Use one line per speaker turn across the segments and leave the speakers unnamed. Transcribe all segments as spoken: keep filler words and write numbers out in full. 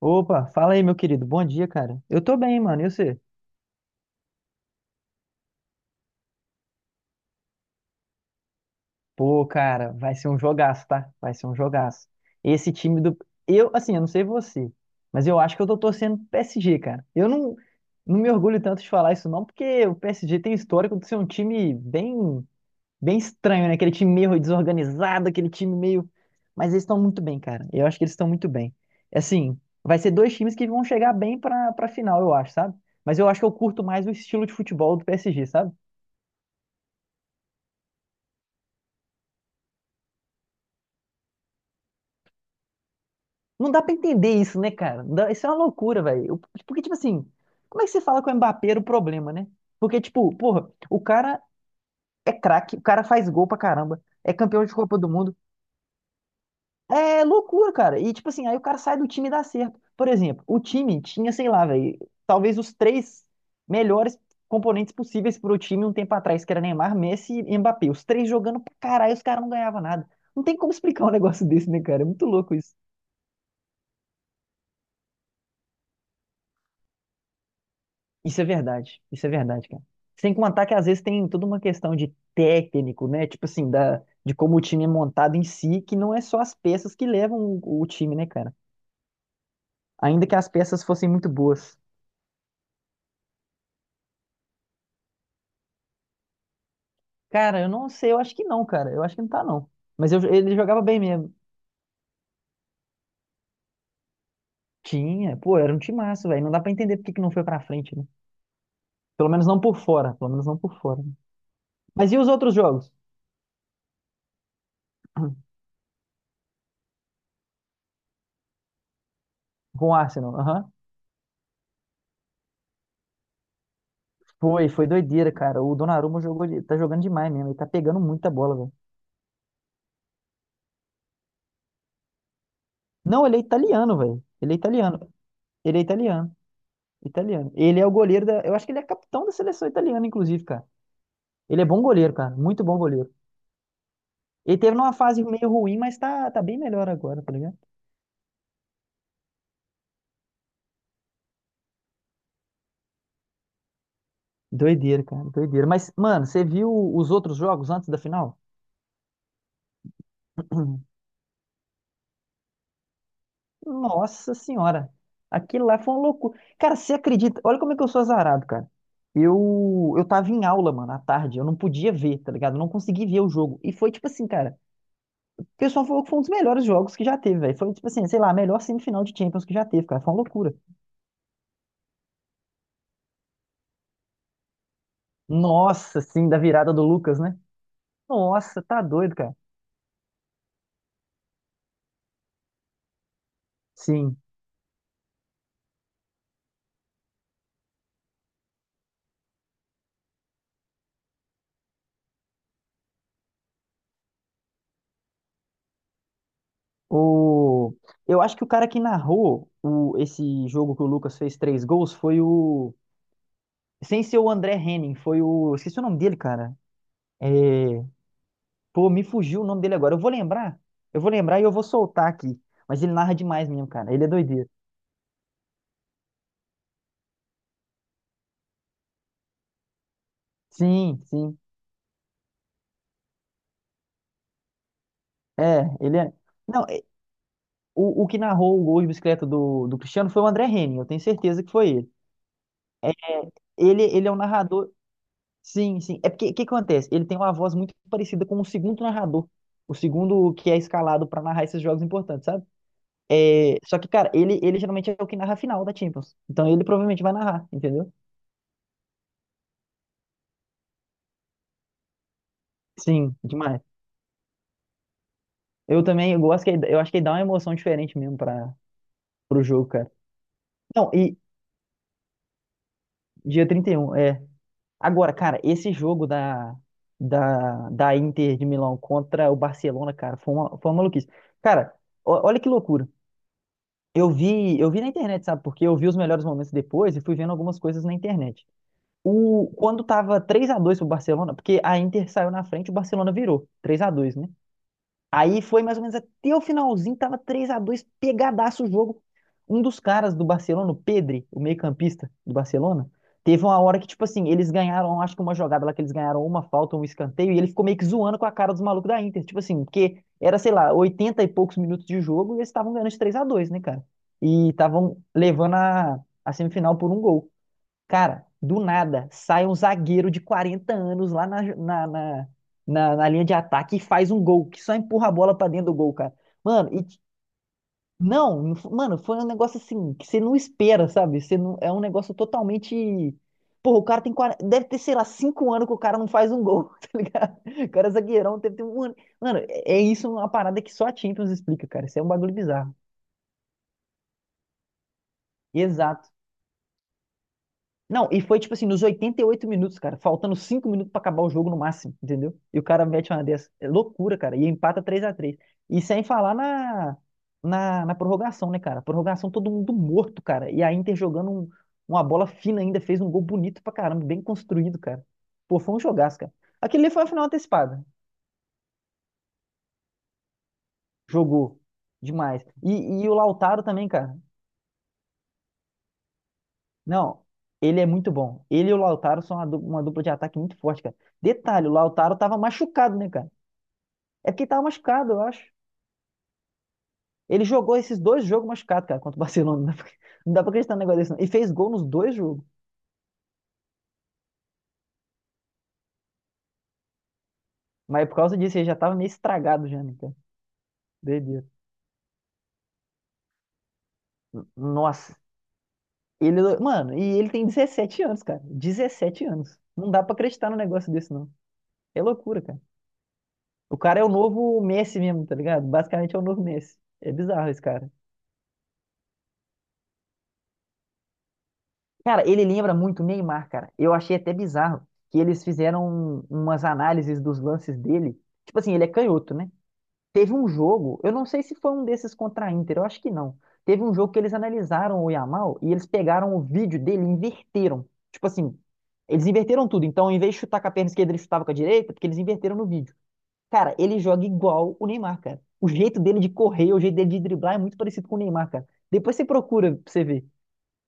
Opa, fala aí, meu querido. Bom dia, cara. Eu tô bem, mano. E você? Pô, cara, vai ser um jogaço, tá? Vai ser um jogaço. Esse time do. Eu, assim, eu não sei você, mas eu acho que eu tô torcendo pro P S G, cara. Eu não, Não me orgulho tanto de falar isso, não, porque o P S G tem histórico de ser um time bem, bem estranho, né? Aquele time meio desorganizado, aquele time meio. Mas eles estão muito bem, cara. Eu acho que eles estão muito bem. Assim, vai ser dois times que vão chegar bem pra, pra final, eu acho, sabe? Mas eu acho que eu curto mais o estilo de futebol do P S G, sabe? Não dá pra entender isso, né, cara? Não dá- Isso é uma loucura, velho. Eu- Porque, tipo assim, como é que você fala com o Mbappé era o problema, né? Porque, tipo, porra, o cara é craque, o cara faz gol pra caramba, é campeão de Copa do Mundo. É loucura, cara. E, tipo assim, aí o cara sai do time e dá certo. Por exemplo, o time tinha, sei lá, velho, talvez os três melhores componentes possíveis pro time um tempo atrás, que era Neymar, Messi e Mbappé. Os três jogando pra caralho, os caras não ganhavam nada. Não tem como explicar um negócio desse, né, cara? É muito louco isso. Isso é verdade, isso é verdade, cara. Sem contar que às vezes tem toda uma questão de técnico, né? Tipo assim, da, de como o time é montado em si, que não é só as peças que levam o, o time, né, cara? Ainda que as peças fossem muito boas. Cara, eu não sei, eu acho que não, cara. Eu acho que não tá, não. Mas eu- ele jogava bem mesmo. Tinha, pô, era um timaço, velho. Não dá pra entender por que que não foi pra frente, né? Pelo menos não por fora, pelo menos não por fora, né? Mas e os outros jogos? Com o Arsenal, aham. Foi, foi doideira, cara. O Donnarumma jogou, de- tá jogando demais mesmo. Ele tá pegando muita bola, velho. Não, ele é italiano, velho. Ele é italiano. Ele é italiano. Italiano. Ele é o goleiro da. Eu acho que ele é capitão da seleção italiana, inclusive, cara. Ele é bom goleiro, cara. Muito bom goleiro. Ele teve numa fase meio ruim, mas tá, tá bem melhor agora, tá ligado? Doideira, cara. Doideira. Mas, mano, você viu os outros jogos antes da final? Nossa senhora. Aquilo lá foi uma loucura. Cara, você acredita? Olha como é que eu sou azarado, cara. Eu, eu tava em aula, mano, à tarde. Eu não podia ver, tá ligado? Eu não consegui ver o jogo. E foi tipo assim, cara. O pessoal falou que foi um dos melhores jogos que já teve, velho. Foi, tipo assim, sei lá, a melhor semifinal de Champions que já teve, cara. Foi uma loucura. Nossa, sim, da virada do Lucas, né? Nossa, tá doido, cara. Sim. O... Eu acho que o cara que narrou o... esse jogo que o Lucas fez três gols foi o. Sem ser o André Henning, foi o. Esqueci o nome dele, cara. É... Pô, me fugiu o nome dele agora. Eu vou lembrar. Eu vou lembrar e eu vou soltar aqui. Mas ele narra demais mesmo, cara. Ele é doideiro. Sim, sim. É, ele é. Não, O, o que narrou o gol de bicicleta do, do Cristiano foi o André Henning, eu tenho certeza que foi ele. É, ele, ele é um narrador. Sim, sim. É porque o que acontece? Ele tem uma voz muito parecida com o segundo narrador. O segundo que é escalado para narrar esses jogos importantes, sabe? É, só que, cara, ele, ele geralmente é o que narra a final da Champions. Então ele provavelmente vai narrar, entendeu? Sim, demais. Eu também eu gosto que ele- eu acho que ele dá uma emoção diferente mesmo para pro jogo, cara. Não, e dia trinta e um é. Agora, cara, esse jogo da, da, da Inter de Milão contra o Barcelona, cara, foi uma, foi uma maluquice. Cara, ó- olha que loucura. Eu vi, eu vi na internet, sabe? Porque eu vi os melhores momentos depois e fui vendo algumas coisas na internet. O, quando tava três a dois pro Barcelona, porque a Inter saiu na frente, o Barcelona virou três a dois, né? Aí foi mais ou menos até o finalzinho, tava três a dois, pegadaço o jogo. Um dos caras do Barcelona, o Pedri, o meio-campista do Barcelona, teve uma hora que, tipo assim, eles ganharam, acho que uma jogada lá que eles ganharam uma falta, um escanteio, e ele ficou meio que zoando com a cara dos malucos da Inter. Tipo assim, porque era, sei lá, oitenta e poucos minutos de jogo e eles estavam ganhando de três a dois, né, cara? E estavam levando a, a semifinal por um gol. Cara, do nada sai um zagueiro de quarenta anos lá na, na, na, na- na linha de ataque e faz um gol, que só empurra a bola pra dentro do gol, cara. Mano, e t- não, não f- mano, foi um negócio assim que você não espera, sabe? Você não, é um negócio totalmente. Porra, o cara tem quarenta, deve ter, sei lá, cinco anos que o cara não faz um gol, tá ligado? O cara é zagueirão, deve ter um ano. Mano, é é isso uma parada que só a Champions explica, cara. Isso é um bagulho bizarro. Exato. Não, e foi tipo assim, nos oitenta e oito minutos, cara, faltando cinco minutos pra acabar o jogo no máximo, entendeu? E o cara mete uma dessa. É loucura, cara, e empata três a três. E sem falar na, na, na prorrogação, né, cara? Prorrogação todo mundo morto, cara. E a Inter jogando um- uma bola fina ainda, fez um gol bonito pra caramba, bem construído, cara. Pô, foi um jogaço, cara. Aquele ali foi a final antecipada. Jogou demais. E, e o Lautaro também, cara. Não, ele é muito bom. Ele e o Lautaro são uma du- uma dupla de ataque muito forte, cara. Detalhe, o Lautaro tava machucado, né, cara? É porque ele tava machucado, eu acho. Ele jogou esses dois jogos machucado, cara, contra o Barcelona. Não dá pra, não dá pra acreditar no negócio desse, não. E fez gol nos dois jogos. Mas por causa disso, ele já tava meio estragado já, né, cara? Doideira. N- Nossa. Ele, mano, e ele tem dezessete anos, cara. Dezessete anos. Não dá pra acreditar no negócio desse, não. É loucura, cara. O cara é o novo Messi mesmo, tá ligado? Basicamente é o novo Messi. É bizarro esse cara. Cara, ele lembra muito o Neymar, cara. Eu achei até bizarro que eles fizeram um, umas análises dos lances dele. Tipo assim, ele é canhoto, né? Teve um jogo, eu não sei se foi um desses contra a Inter, eu acho que não. Teve um jogo que eles analisaram o Yamal e eles pegaram o vídeo dele e inverteram. Tipo assim, eles inverteram tudo. Então, em vez de chutar com a perna esquerda, ele chutava com a direita, porque eles inverteram no vídeo. Cara, ele joga igual o Neymar, cara. O jeito dele de correr, o jeito dele de driblar é muito parecido com o Neymar, cara. Depois você procura pra você ver.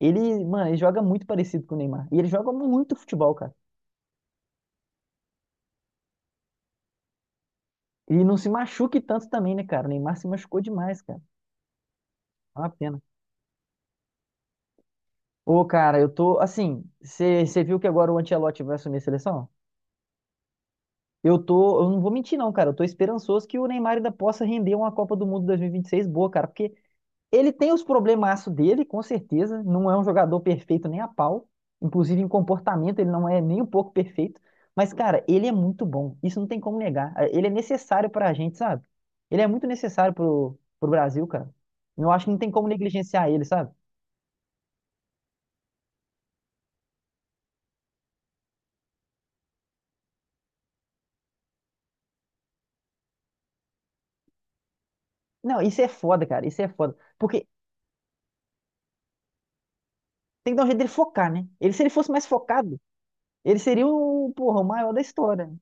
Ele, mano, ele joga muito parecido com o Neymar. E ele joga muito futebol, cara. E não se machuque tanto também, né, cara? O Neymar se machucou demais, cara. É uma pena. Ô, cara, eu tô, assim, você viu que agora o Ancelotti vai assumir a seleção? Eu tô, eu não vou mentir não, cara, eu tô esperançoso que o Neymar ainda possa render uma Copa do Mundo dois mil e vinte e seis boa, cara, porque ele tem os problemaços dele, com certeza. Não é um jogador perfeito nem a pau. Inclusive, em comportamento, ele não é nem um pouco perfeito. Mas, cara, ele é muito bom. Isso não tem como negar. Ele é necessário pra gente, sabe? Ele é muito necessário pro, pro Brasil, cara. Eu acho que não tem como negligenciar ele, sabe? Não, isso é foda, cara. Isso é foda. Porque tem que dar um jeito dele focar, né? Ele, se ele fosse mais focado, ele seria o, porra, o maior da história, né?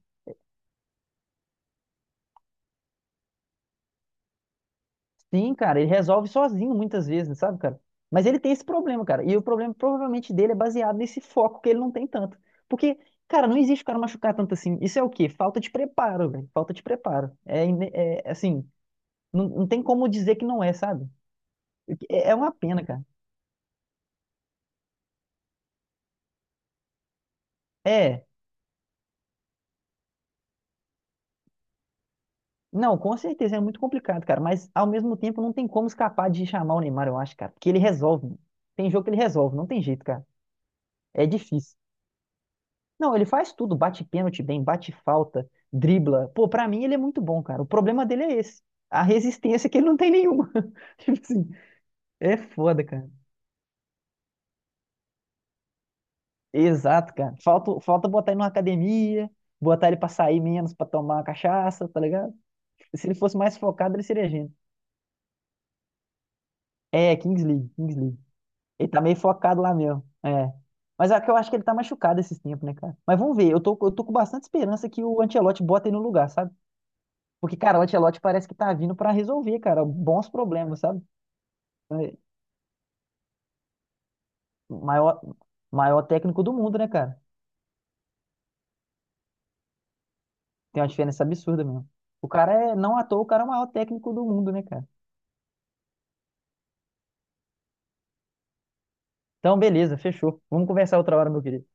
Sim, cara, ele resolve sozinho muitas vezes, sabe, cara? Mas ele tem esse problema, cara. E o problema provavelmente dele é baseado nesse foco que ele não tem tanto. Porque, cara, não existe o cara machucar tanto assim. Isso é o quê? Falta de preparo, velho. Falta de preparo. É, ine- é, assim, não, não tem como dizer que não é, sabe? É, é uma pena, cara. É. Não, com certeza é muito complicado, cara. Mas ao mesmo tempo não tem como escapar de chamar o Neymar, eu acho, cara. Porque ele resolve. Tem jogo que ele resolve, não tem jeito, cara. É difícil. Não, ele faz tudo, bate pênalti bem, bate falta, dribla. Pô, pra mim ele é muito bom, cara. O problema dele é esse. A resistência que ele não tem nenhuma. Tipo assim, é foda, cara. Exato, cara. Falta, falta botar ele numa academia, botar ele pra sair menos, pra tomar uma cachaça, tá ligado? Se ele fosse mais focado, ele seria gênio. É, Kings League, Kings League. Ele tá meio focado lá mesmo. É. Mas é que eu acho que ele tá machucado esses tempos, né, cara? Mas vamos ver. Eu tô, eu tô com bastante esperança que o Ancelotti bota ele no lugar, sabe? Porque, cara, o Ancelotti parece que tá vindo pra resolver, cara, bons problemas, sabe? É, maior, maior técnico do mundo, né, cara? Tem uma diferença absurda mesmo. O cara é, não à toa, o cara é o maior técnico do mundo, né, cara? Então, beleza, fechou. Vamos conversar outra hora, meu querido.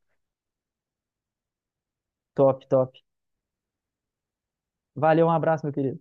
Top, top. Valeu, um abraço, meu querido.